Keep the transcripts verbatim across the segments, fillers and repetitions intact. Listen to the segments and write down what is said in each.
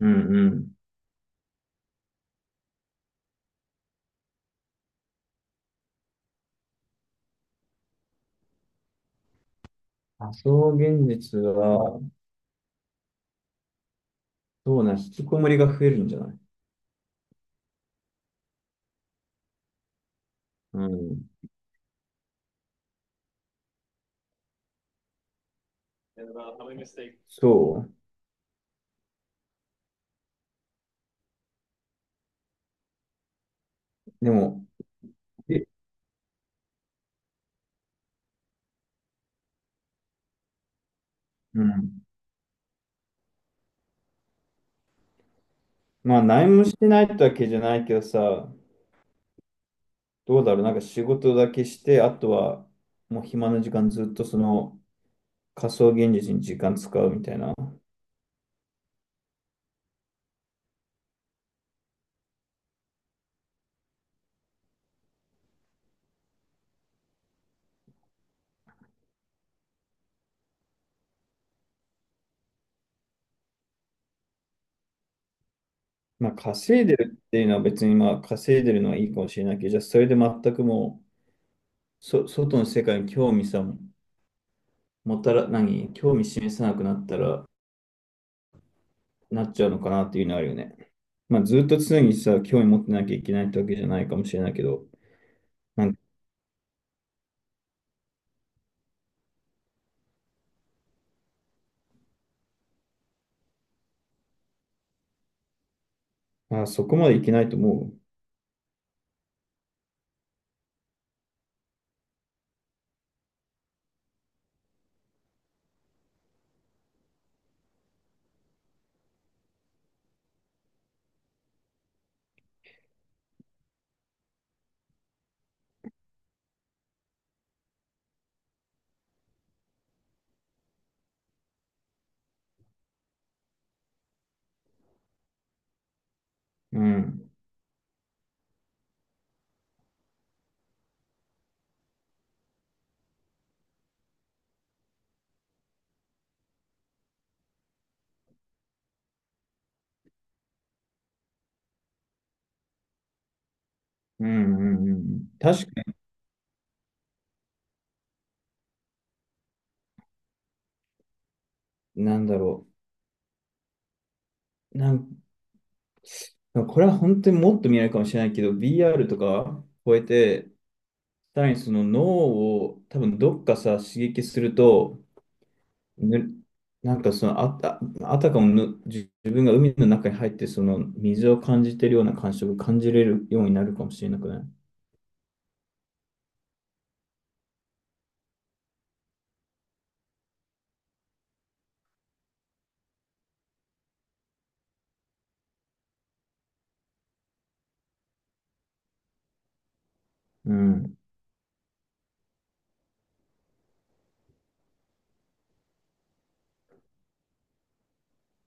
うんうん。仮想現実は、そうな、引きこもりが増えるんじゃない？うん。そう。でも、えうん。まあ、何もしてないってわけじゃないけどさ、どうだろう、なんか仕事だけして、あとは、もう暇な時間ずっとその仮想現実に時間使うみたいな。まあ、稼いでるっていうのは別に、まあ、稼いでるのはいいかもしれないけど、じゃあ、それで全くもう、そ、外の世界に興味さ、もたら、何、興味示さなくなったら、なっちゃうのかなっていうのはあるよね。まあ、ずっと常にさ、興味持ってなきゃいけないってわけじゃないかもしれないけど、なんかあ、そこまでいけないと思う。うん。うんうんうん。確かに、なんだろう。なんこれは本当にもっと未来かもしれないけど、b r とか超えて、さらにその脳を多分どっかさ、刺激すると、ぬなんかそのあた、あたかもぬ自自分が海の中に入って、その水を感じてるような感触を感じれるようになるかもしれなくない？うん。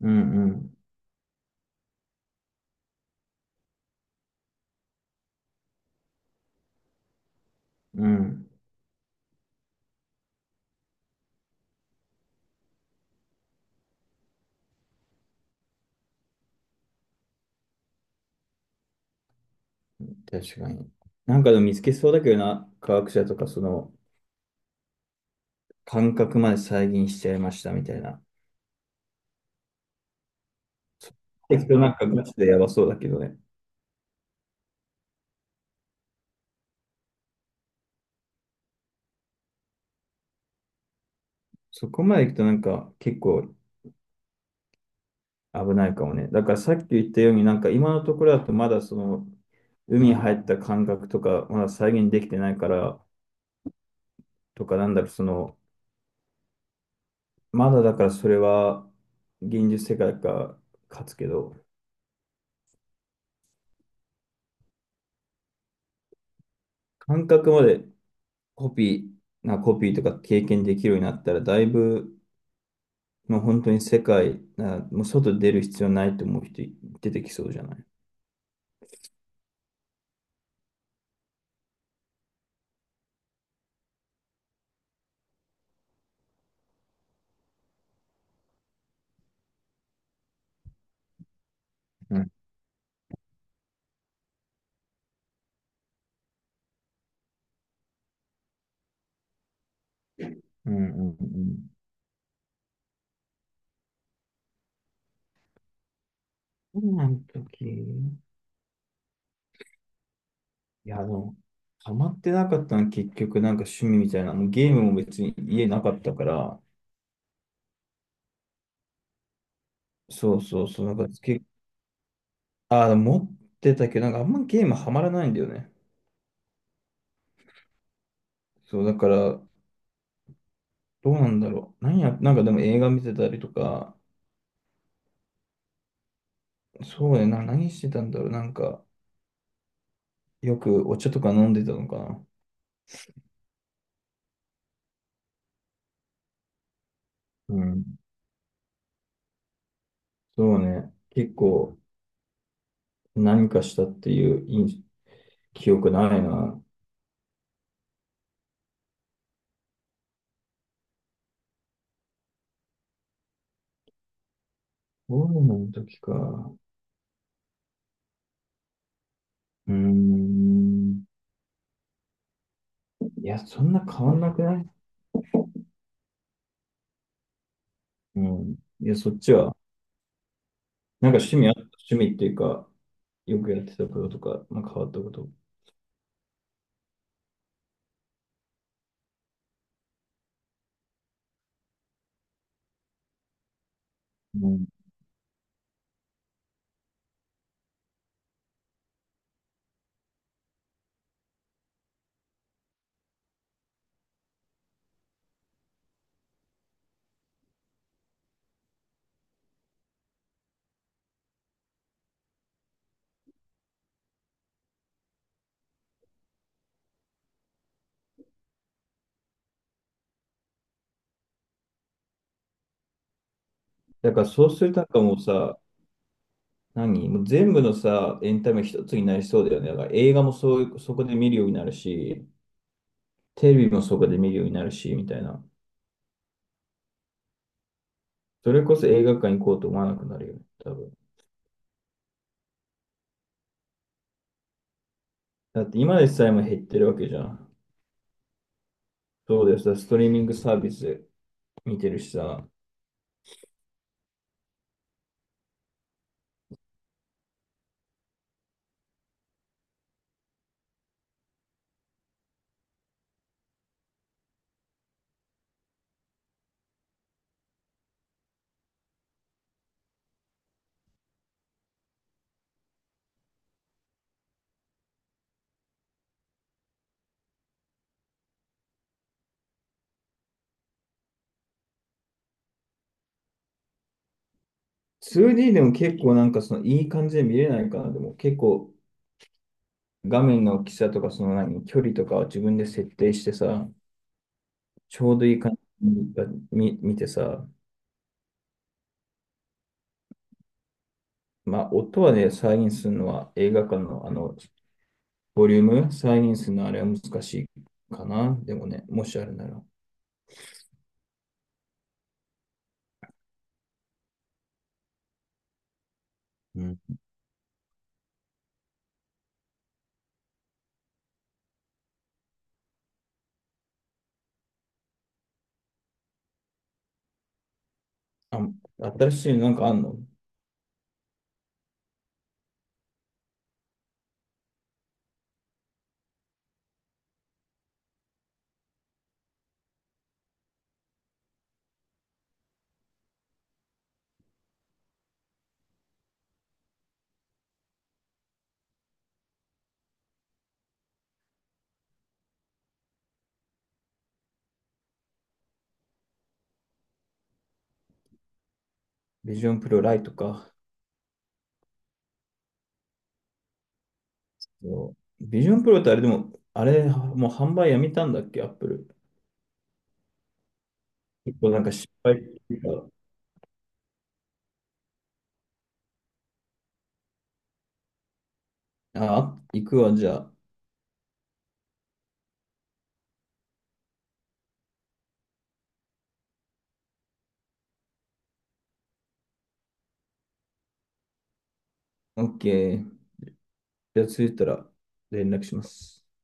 うんうん。うん。確かに。なんかでも見つけそうだけどな、科学者とかその感覚まで再現しちゃいましたみたいな。そこまで行くとなんかガチでやばそうだけどね。そこまで行くとなんか結構危ないかもね。だからさっき言ったようになんか今のところだとまだその海に入った感覚とかまだ再現できてないからとかなんだろうそのまだだからそれは現実世界か勝つけど感覚までコピーなコピーとか経験できるようになったら、だいぶ、まあ、本当に世界、なもう外出る必要ないと思う人出てきそうじゃない？うん、うん、うん、うん。今の時、いや、でも、ハマってなかったの結局なんか趣味みたいな、もうゲームも別に家なかったから、そうそうそう、なんかつけ、ああ、持ってたけど、なんかあんまゲームハマらないんだよね。そう、だから、どうなんだろう。何や、なんかでも映画見てたりとか、そうね、な、何してたんだろう。なんか、よくお茶とか飲んでたのかな。うん。そうね。結構何かしたっていう印記憶ないな。コロナの時か。うーん。いや、そんな変わんなくない？うん。いや、そっちは。なんか趣味あった、趣味っていうか、よくやってたこととか、まあ、変わったこと。うん。だからそうするとなんかもうさ、何もう全部のさ、エンタメ一つになりそうだよね。だから映画もそう、そこで見るようになるし、テレビもそこで見るようになるし、みたいな。それこそ映画館行こうと思わなくなるよね、多分。だって今でさえも減ってるわけじゃん。そうです。ストリーミングサービスで見てるしさ。ツーディー でも結構なんかそのいい感じで見れないかな。でも結構画面の大きさとかその何、距離とかを自分で設定してさ、ちょうどいい感じに見見てさ、まあ音はね、再現するのは映画館のあの、ボリューム、再現するのはあれは難しいかな。でもね、もしあるなら。うん。あ、新しいのなんかあんの？ビジョンプロライトか。ビジョンプロってあれでも、あれ、もう販売やめたんだっけ、アップル。結構なんか失敗してた。あ、行くわ、じゃあ。OK。じゃあ、着いたら連絡します。